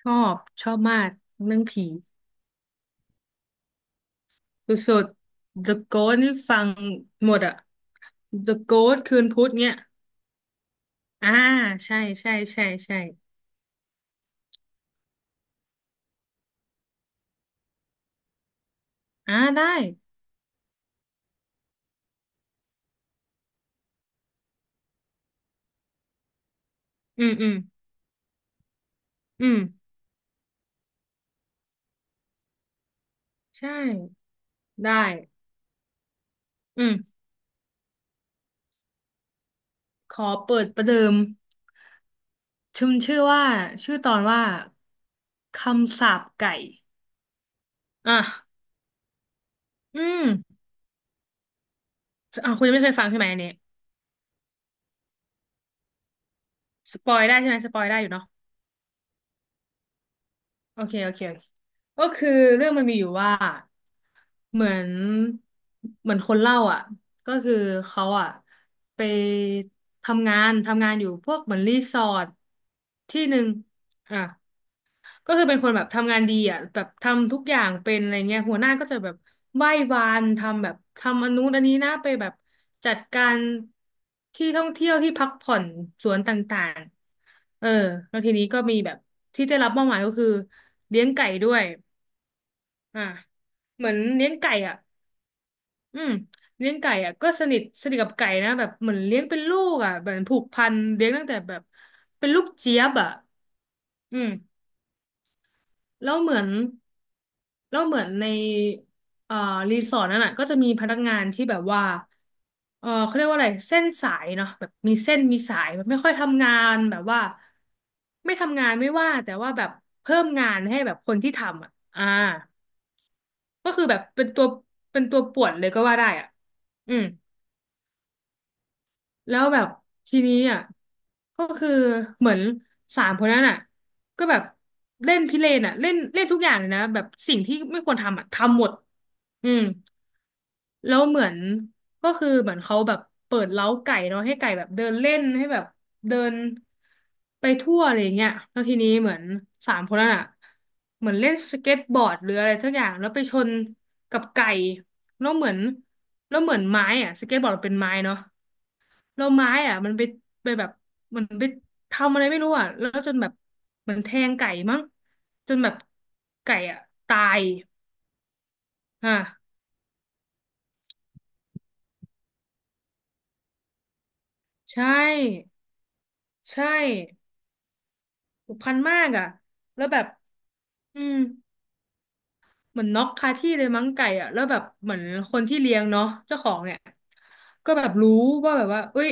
ชอบชอบมากเรื่องผีสุดๆ The Ghost นี่ฟังหมดอะ The Ghost คืนพุธเนี่ยอ่าใช่ใช่ใช่ใช่อ่าได้อืมอืมอืมใช่ได้อืมขอเปิดประเดิมชื่อว่าชื่อตอนว่าคำสาปไก่อ่ะอืมอ่ะคุณยังไม่เคยฟังใช่ไหมอันนี้สปอยได้ใช่ไหมสปอยได้อยู่เนาะ โอเคโอเคโอเคก็คือเรื่องมันมีอยู่ว่าเหมือนเหมือนคนเล่าอ่ะก็คือเขาอ่ะไปทำงานอยู่พวกเหมือนรีสอร์ทที่หนึ่งอ่ะ ก็คือเป็นคนแบบทำงานดีอ่ะแบบทำทุกอย่างเป็นอะไรเงี้ยหัวหน้าก็จะแบบไหว้วานทำแบบทำอันนู้นอันนี้นะไปแบบจัดการที่ท่องเที่ยวที่พักผ่อนสวนต่างๆเออแล้วทีนี้ก็มีแบบที่ได้รับมอบหมายก็คือเลี้ยงไก่ด้วยอ่ะเหมือนเลี้ยงไก่อ่ะอืมเลี้ยงไก่อ่ะก็สนิทกับไก่นะแบบเหมือนเลี้ยงเป็นลูกอ่ะแบบผูกพันเลี้ยงตั้งแต่แบบเป็นลูกเจี๊ยบอ่ะอืม แล้วเหมือนแล้วเหมือนในเอ่อรีสอร์ทนั้นอ่ะก็จะมีพนักงานที่แบบว่าเออเขาเรียกว่าอะไรเส้นสายเนาะแบบมีเส้นมีสายแบบไม่ค่อยทำงานแบบว่าไม่ทำงานไม่ว่าแต่ว่าแบบเพิ่มงานให้แบบคนที่ทำอ่ะอ่าก็คือแบบเป็นตัวป่วนเลยก็ว่าได้อ่ะอืม แล้วแบบทีนี้อ่ะก็คือเหมือนสามคนนั้นอ่ะก็แบบเล่นพิเรนอ่ะเล่นเล่นทุกอย่างเลยนะแบบสิ่งที่ไม่ควรทำอ่ะทำหมดอืมแล้วเหมือนก็คือเหมือนเขาแบบเปิดเล้าไก่เนาะให้ไก่แบบเดินเล่นให้แบบเดินไปทั่วอะไรอย่างเงี้ยแล้วทีนี้เหมือนสามคนนั้นอ่ะเหมือนเล่นสเก็ตบอร์ดหรืออะไรสักอย่างแล้วไปชนกับไก่แล้วเหมือนแล้วเหมือนไม้อ่ะสเก็ตบอร์ดเป็นไม้เนาะ แล้วไม้อ่ะมันไปแบบเหมันไปทำอะไรไม่รู้อ่ะแล้วจนแบบเหมือนแทงไก่มั้งจนแบบไก่อ่ะตายอ่ะใช่ใช่ผูกพันมากอ่ะแล้วแบบอืม เหมือนน็อกคาที่เลยมั้งไก่อ่ะแล้วแบบเหมือนคนที่เลี้ยงเนาะเจ้าของเนี่ยก็แบบรู้ว่าแบบว่าเอ้ย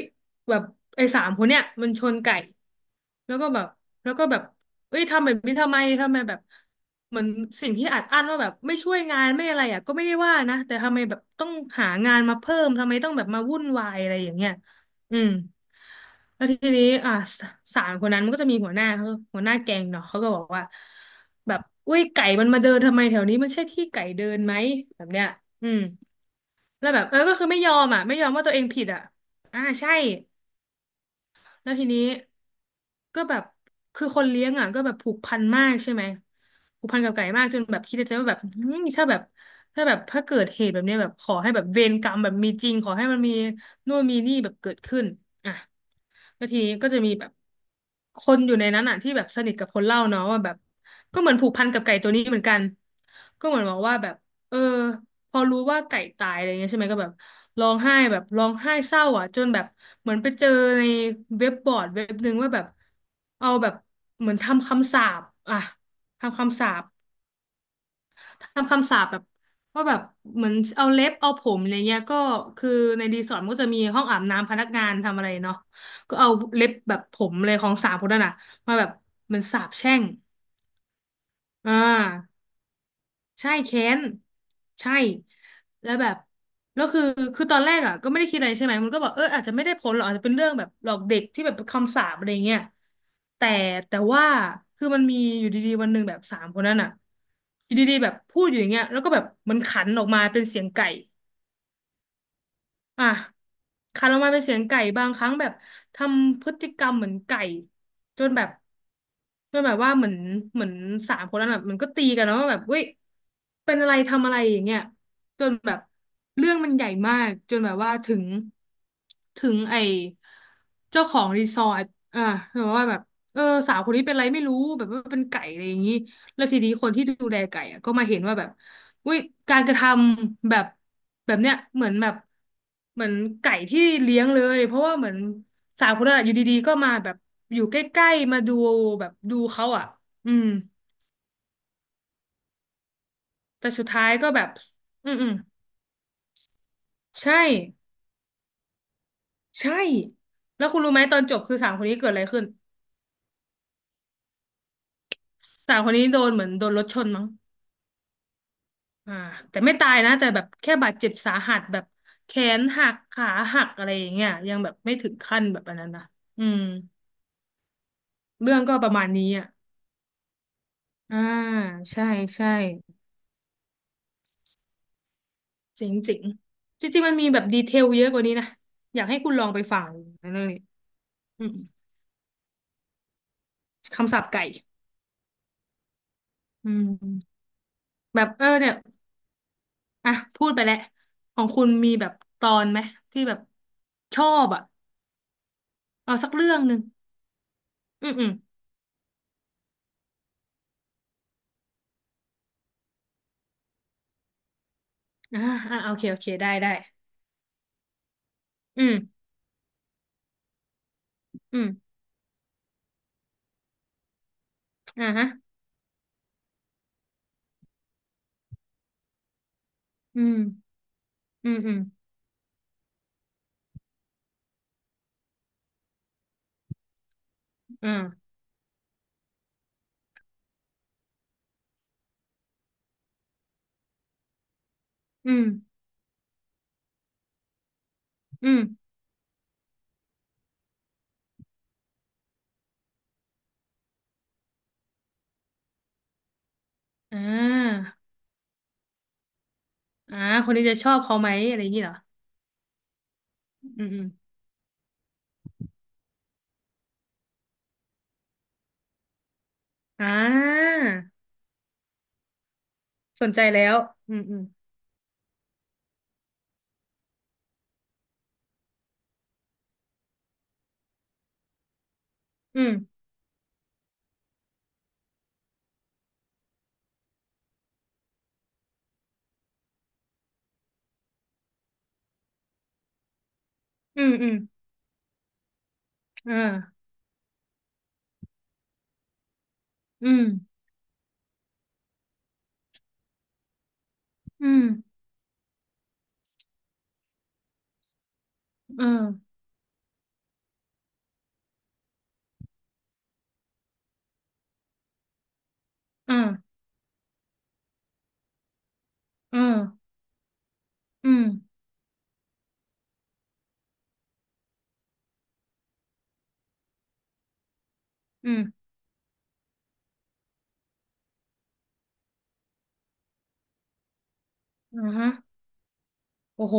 แบบไอ้สามคนเนี่ยมันชนไก่แล้วก็แบบแล้วก็แบบเอ้ยทำแบบนี้ทำไมแบบเหมือนสิ่งที่อัดอั้นว่าแบบไม่ช่วยงานไม่อะไรอ่ะก็ไม่ได้ว่านะแต่ทำไมแบบต้องหางานมาเพิ่มทำไมต้องแบบมาวุ่นวายอะไรอย่างเงี้ย อืมแล้วทีนี้สามคนนั้นมันก็จะมีหัวหน้าแก๊งเนาะเขาก็บอกว่าแบบอุ้ยไก่มันมาเดินทำไมแถวนี้มันใช่ที่ไก่เดินไหมแบบเนี้ยอืมแล้วแบบเออก็คือไม่ยอมว่าตัวเองผิดอ่ะอ่าใช่ แล้วทีนี้ก็แบบคือคนเลี้ยงอ่ะก็แบบผูกพันมากใช่ไหมผูกพันกับไก่มากจนแบบคิดในใจว่าแบบอืมถ้าแบบถ้าเกิดเหตุแบบเนี้ยแบบขอให้แบบเวรกรรมแบบมีจริงขอให้มันมีนู่นมีนี่แบบเกิดขึ้นอ่ะแล้วทีนี้ก็จะมีแบบคนอยู่ในนั้นอ่ะที่แบบสนิทกับคนเล่าเนาะว่าแบบก็เหมือนผูกพันกับไก่ตัวนี้เหมือนกันก็เหมือนบอกว่าแบบเออ พอรู้ว่าไก่ตายอะไรเงี้ยใช่ไหมก็แบบร้องไห้เศร้าอ่ะจนแบบเหมือนไปเจอในเว็บบอร์ดเว็บหนึ่งว่าแบบเอาแบบเหมือนทำคำสาปอ่ะทำคำสาปทำคำสาปแบบว่าแบบเหมือนเอาเล็บเอาผมอะไรเงี้ยก็คือในรีสอร์ทมันก็จะมีห้องอาบน้ำพนักงานทำอะไรเนาะก็เอาเล็บแบบผมเลยของสามคนนั้นอ่ะมาแบบเหมันสาปแช่งอ่า ใช่เค้นใช่แล้วแบบแล้วคือคือตอนแรกอ่ะก็ไม่ได้คิดอะไรใช่ไหมมันก็บอกเอออาจจะไม่ได้ผลหรอกอาจจะเป็นเรื่องแบบหลอกเด็กที่แบบคำสาปอะไรเงี้ยแต่แต่ว่าคือมันมีอยู่ดีๆวันหนึ่งแบบสามคนนั้นอ่ะอยู่ดีๆแบบพูดอยู่อย่างเงี้ยแล้วก็แบบมันขันออกมาเป็นเสียงไก่ อ่ะคันออกมาเป็นเสียงไก่บางครั้งแบบทำพฤติกรรมเหมือนไก่จนแบบจนแบบว่าเหมือนสามคนนั้นแบบมันก็ตีกันนล้วว่าแบบเว้ยเป็นอะไรทำอะไรอย่างเงี้ยจนแบบเรื่องมันใหญ่มากจนแบบว่าถึงไอเจ้าของรีสอร์ทอ่ะแบบว่าแบบเออสาวคนนี้เป็นอะไรไม่รู้แบบว่าเป็นไก่อะไรอย่างงี้ แล้วทีนี้คนที่ดูแลไก่อะก็มาเห็นว่าแบบ อุ้ยการกระทำแบบแบบเนี้ยเหมือนแบบเหมือนไก่ที่เลี้ยงเลยเพราะว่าเหมือนสาวคนนั้นอะอยู่ดีๆก็มาแบบอยู่ใกล้ๆมาดูแบบดูเขาอ่ะอืมแต่สุดท้ายก็แบบอืมอืมใช่ใช่แล้วคุณรู้ไหมตอนจบคือสาวคนนี้เกิดอะไรขึ้นสาวคนนี้โดนเหมือนโดนรถชนมั้งอ่าแต่ไม่ตายนะแต่แบบแค่บาดเจ็บสาหัสแบบแขนหักขาหักอะไรอย่างเงี้ยยังแบบไม่ถึงขั้นแบบอันนั้นนะอืมเรื่องก็ประมาณนี้อ่ะ อ่าใช่ใช่เจริงจริงจริงๆมันมีแบบดีเทลเยอะกว่านี้นะอยากให้คุณลองไปฟังนะเรื่องนี้อืมคำศัพท์ไก่อืมแบบเออเนี่ยอ่ะพูดไปแล้วของคุณมีแบบตอนไหมที่แบบชอบอ่ะเอาสักเรื่องหนึ่งอืมอืมอ่าอ่าโอเคโอเคได้ได้อืมอืมอ่าฮะอืมอืมอืมอ่าอืมอืมอ่าอ่าคนนี้จะชอบเขาไหมอะไรอย่างนี้เหรออืมอืมอ่า สนใจแล้วอืมอืมอืมอืมอืมอ่าอืมอืมเออเอ่าเอออืมอืมอ่าฮะโอ้โห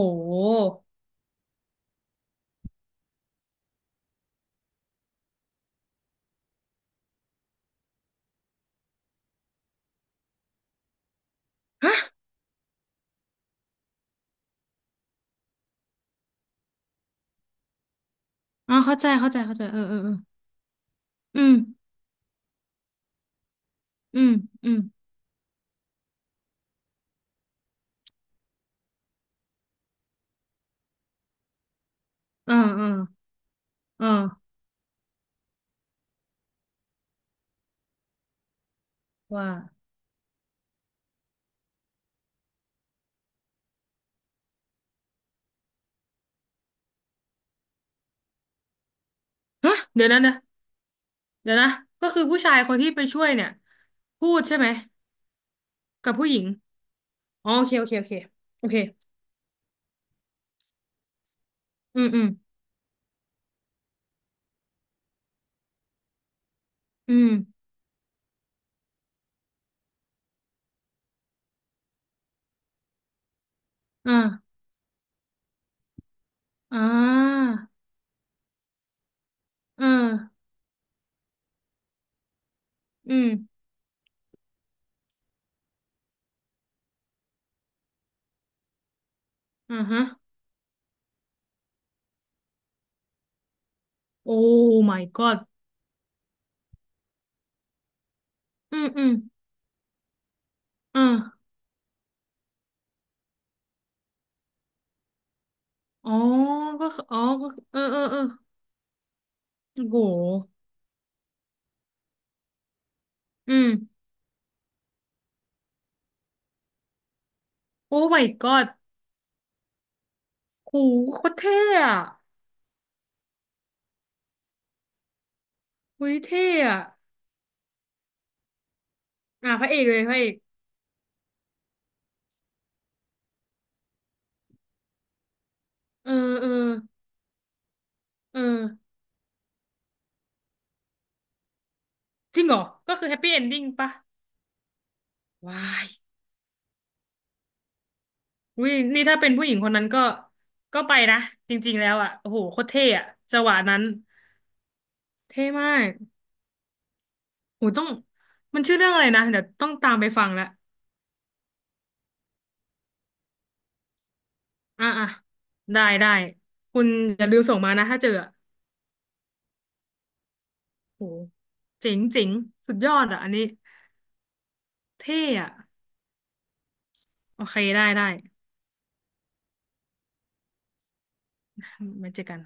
ฮะอ๋อเข้าใจเข้าใจ เข้าใจ เออเออเอออืมอืมอืมอ่าอ่าอ่าว่าฮะเดี๋ยวนะ เดี๋ยวนะ ก็คือผู้ชายคนที่ไปช่วยเนี่ย พูดใช่ไหม กับผู้หญิงอ๋อโอเคโอเคโอเคโอเค อืมอืมอืมอ่าอ่าเอออืมอ่าฮะ โอ้ my god อืมอืมอ่าอ๋อก็คืออ๋อก็เออเออเออโอ้โหอืมโอ้ my god โหโคตรเท่อะหุยเท่อะอ่ะพระเอกเลยพระเอกเออเออเออจริงเหรอก็คือแฮปปี้เอนดิ้งปะวายอุ้ยนี่ถ้าเป็นผู้หญิงคนนั้นก็ก็ไปนะจริงๆแล้วอะโอ้โหโคตรเท่อะจังหวะนั้นเท่มากโหต้องมันชื่อเรื่องอะไรนะเดี๋ยวต้องตามไปฟังละ อ่ะอ่ะได้ได้คุณอย่าลืมส่งมานะถ้าเจออะโหเจ๋งเจ๋งสุดยอดอ่ะอันนี้เท่อะโอเคได้ได้มาเจอกัน